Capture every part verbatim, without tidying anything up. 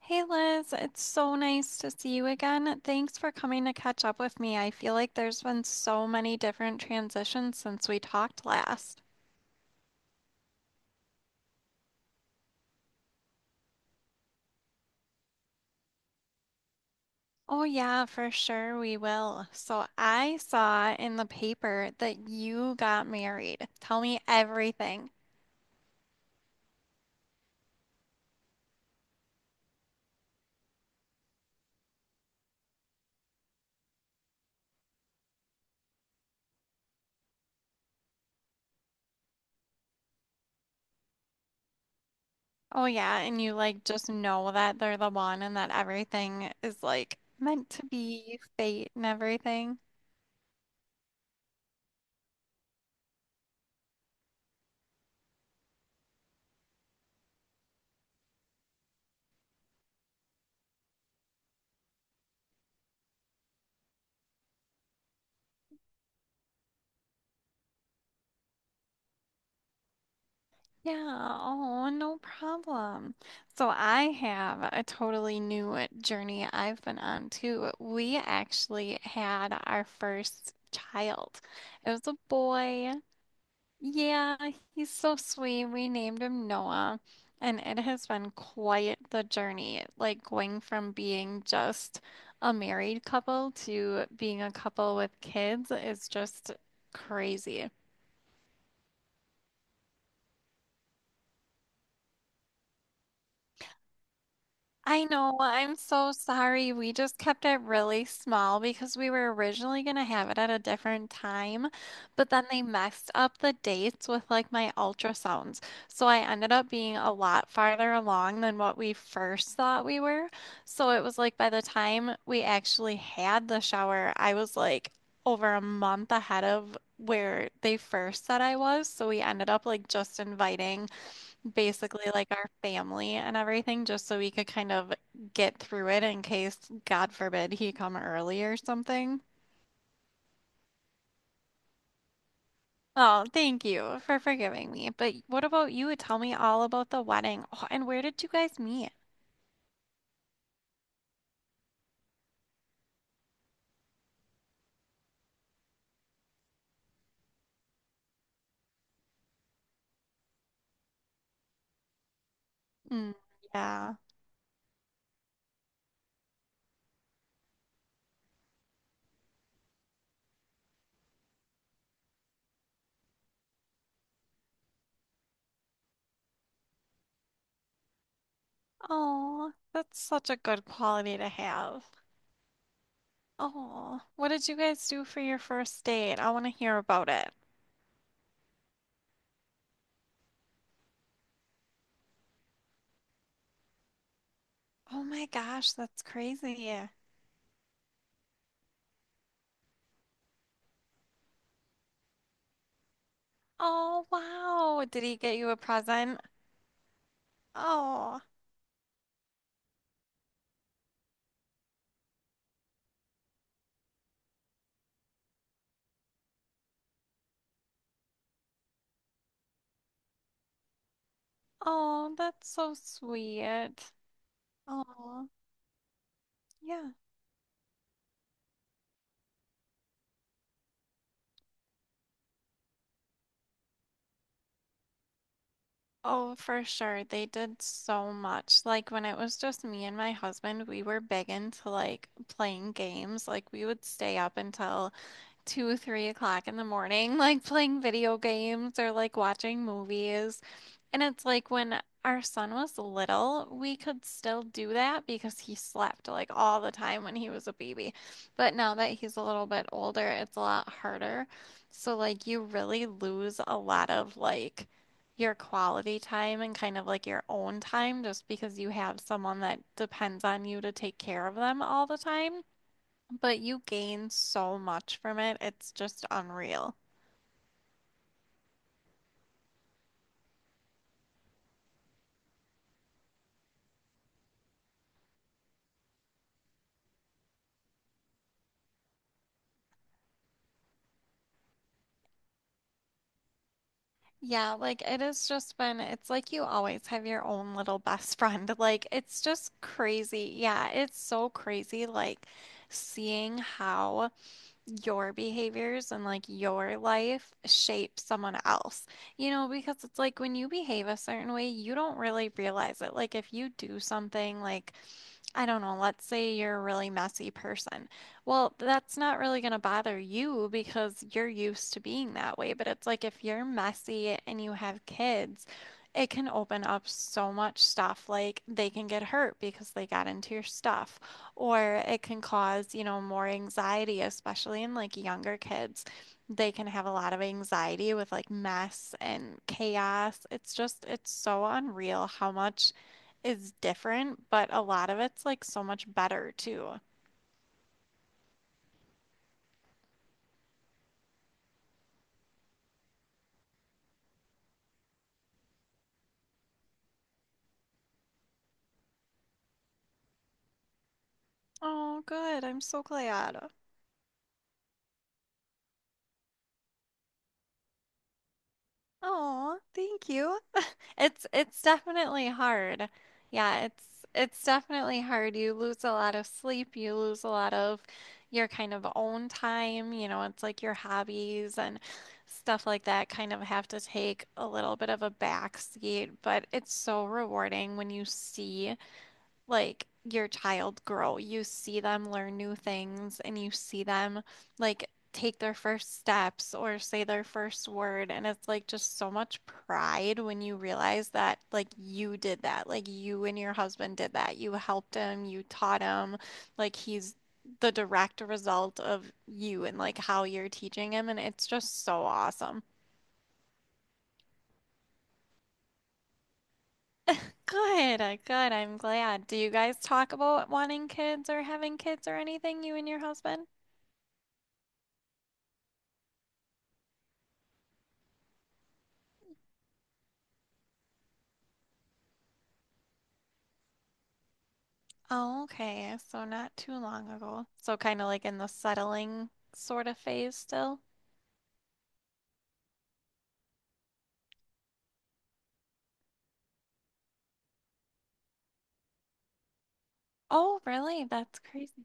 Hey Liz, it's so nice to see you again. Thanks for coming to catch up with me. I feel like there's been so many different transitions since we talked last. Oh, yeah, for sure we will. So I saw in the paper that you got married. Tell me everything. Oh, yeah, and you like just know that they're the one and that everything is like meant to be fate and everything. Yeah, oh, no problem. So I have a totally new journey I've been on too. We actually had our first child. It was a boy. Yeah, he's so sweet. We named him Noah, and it has been quite the journey, like going from being just a married couple to being a couple with kids is just crazy. I know. I'm so sorry. We just kept it really small because we were originally going to have it at a different time, but then they messed up the dates with like my ultrasounds. So I ended up being a lot farther along than what we first thought we were. So it was like by the time we actually had the shower, I was like over a month ahead of where they first said I was. So we ended up like just inviting basically like our family and everything, just so we could kind of get through it in case, God forbid, he come early or something. Oh, thank you for forgiving me. But what about you? Tell me all about the wedding. Oh, and where did you guys meet? Mm, yeah. Oh, that's such a good quality to have. Oh, what did you guys do for your first date? I want to hear about it. Oh my gosh, that's crazy. Oh, wow. Did he get you a present? Oh. Oh, that's so sweet. Oh, yeah. Oh, for sure. They did so much. Like when it was just me and my husband, we were big into like playing games. Like we would stay up until two, three o'clock in the morning, like playing video games or like watching movies. And it's like when our son was little, we could still do that because he slept like all the time when he was a baby. But now that he's a little bit older, it's a lot harder. So, like, you really lose a lot of like your quality time and kind of like your own time just because you have someone that depends on you to take care of them all the time. But you gain so much from it. It's just unreal. Yeah, like it has just been, it's like you always have your own little best friend. Like it's just crazy. Yeah, it's so crazy, like seeing how. your behaviors and like your life shape someone else. You know, because it's like when you behave a certain way, you don't really realize it. Like if you do something like I don't know, let's say you're a really messy person. Well, that's not really going to bother you because you're used to being that way. But it's like if you're messy and you have kids, it can open up so much stuff. Like they can get hurt because they got into your stuff. Or it can cause, you know, more anxiety, especially in like younger kids. They can have a lot of anxiety with like mess and chaos. It's just, it's so unreal how much is different, but a lot of it's like so much better too. Oh, good. I'm so glad. Oh, thank you. It's it's definitely hard. Yeah, it's it's definitely hard. You lose a lot of sleep, you lose a lot of your kind of own time, you know, it's like your hobbies and stuff like that kind of have to take a little bit of a back seat, but it's so rewarding when you see like your child grow. You see them learn new things and you see them like take their first steps or say their first word. And it's like just so much pride when you realize that like you did that, like you and your husband did that. You helped him, you taught him, like he's the direct result of you and like how you're teaching him. And it's just so awesome. Good, uh, good. I'm glad. Do you guys talk about wanting kids or having kids or anything, you and your husband? Oh, okay. So not too long ago. So kind of like in the settling sort of phase still. Oh, really? That's crazy.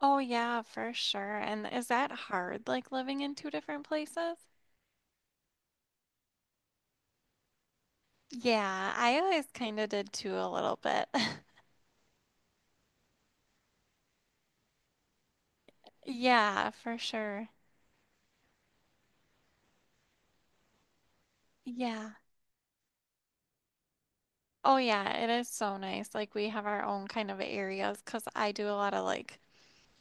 Oh, yeah, for sure. And is that hard, like living in two different places? Yeah, I always kind of did too a little bit. Yeah, for sure. Yeah. Oh, yeah, it is so nice. Like we have our own kind of areas because I do a lot of like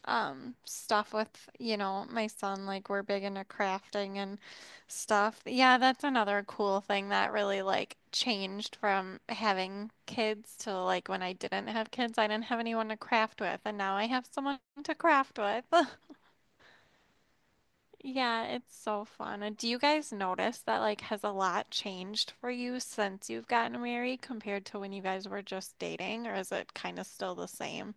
um stuff with you know my son, like we're big into crafting and stuff. Yeah, that's another cool thing that really like changed from having kids to like when I didn't have kids, I didn't have anyone to craft with, and now I have someone to craft with. Yeah, it's so fun. And do you guys notice that, like, has a lot changed for you since you've gotten married compared to when you guys were just dating, or is it kind of still the same?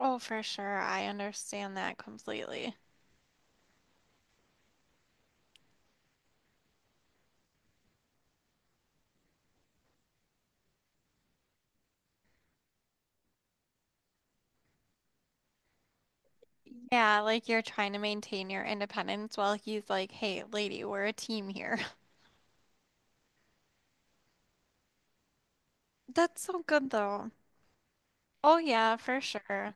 Oh, for sure, I understand that completely. Yeah, like you're trying to maintain your independence while he's like, hey, lady, we're a team here. That's so good though. Oh, yeah, for sure.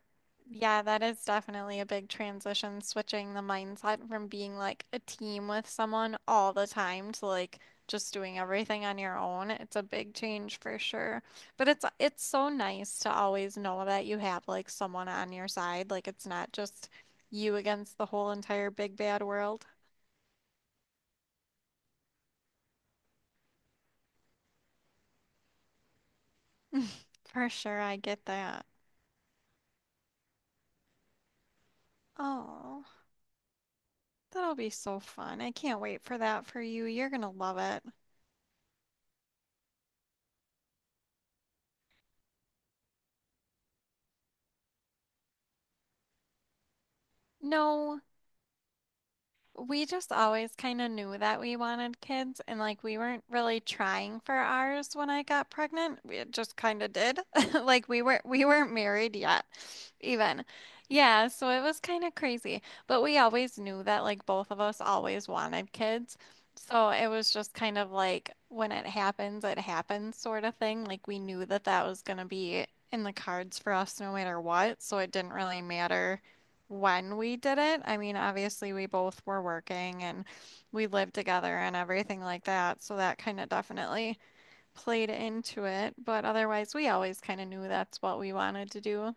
Yeah, that is definitely a big transition, switching the mindset from being like a team with someone all the time to like just doing everything on your own. It's a big change for sure. But it's it's so nice to always know that you have like someone on your side. Like it's not just you against the whole entire big bad world. For sure, I get that. Oh, that'll be so fun. I can't wait for that for you. You're gonna love it. No, we just always kind of knew that we wanted kids, and like we weren't really trying for ours when I got pregnant. We It just kind of did. Like we weren't we weren't married yet, even. Yeah, so it was kind of crazy. But we always knew that like both of us always wanted kids. So it was just kind of like when it happens, it happens sort of thing. Like we knew that that was going to be in the cards for us no matter what, so it didn't really matter when we did it. I mean, obviously, we both were working and we lived together and everything like that. So that kind of definitely played into it. But otherwise, we always kind of knew that's what we wanted to do.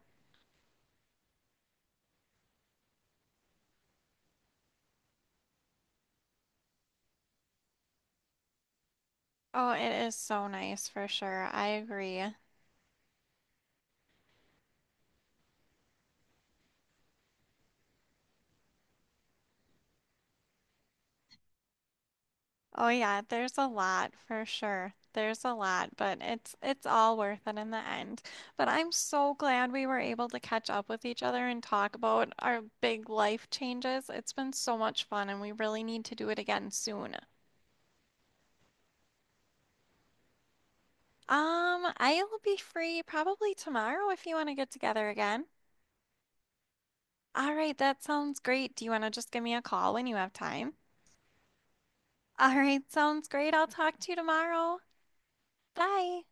Oh, it is so nice for sure. I agree. Oh yeah, there's a lot for sure. There's a lot, but it's it's all worth it in the end. But I'm so glad we were able to catch up with each other and talk about our big life changes. It's been so much fun and we really need to do it again soon. Um, I'll be free probably tomorrow if you want to get together again. All right, that sounds great. Do you want to just give me a call when you have time? All right, sounds great. I'll talk to you tomorrow. Bye.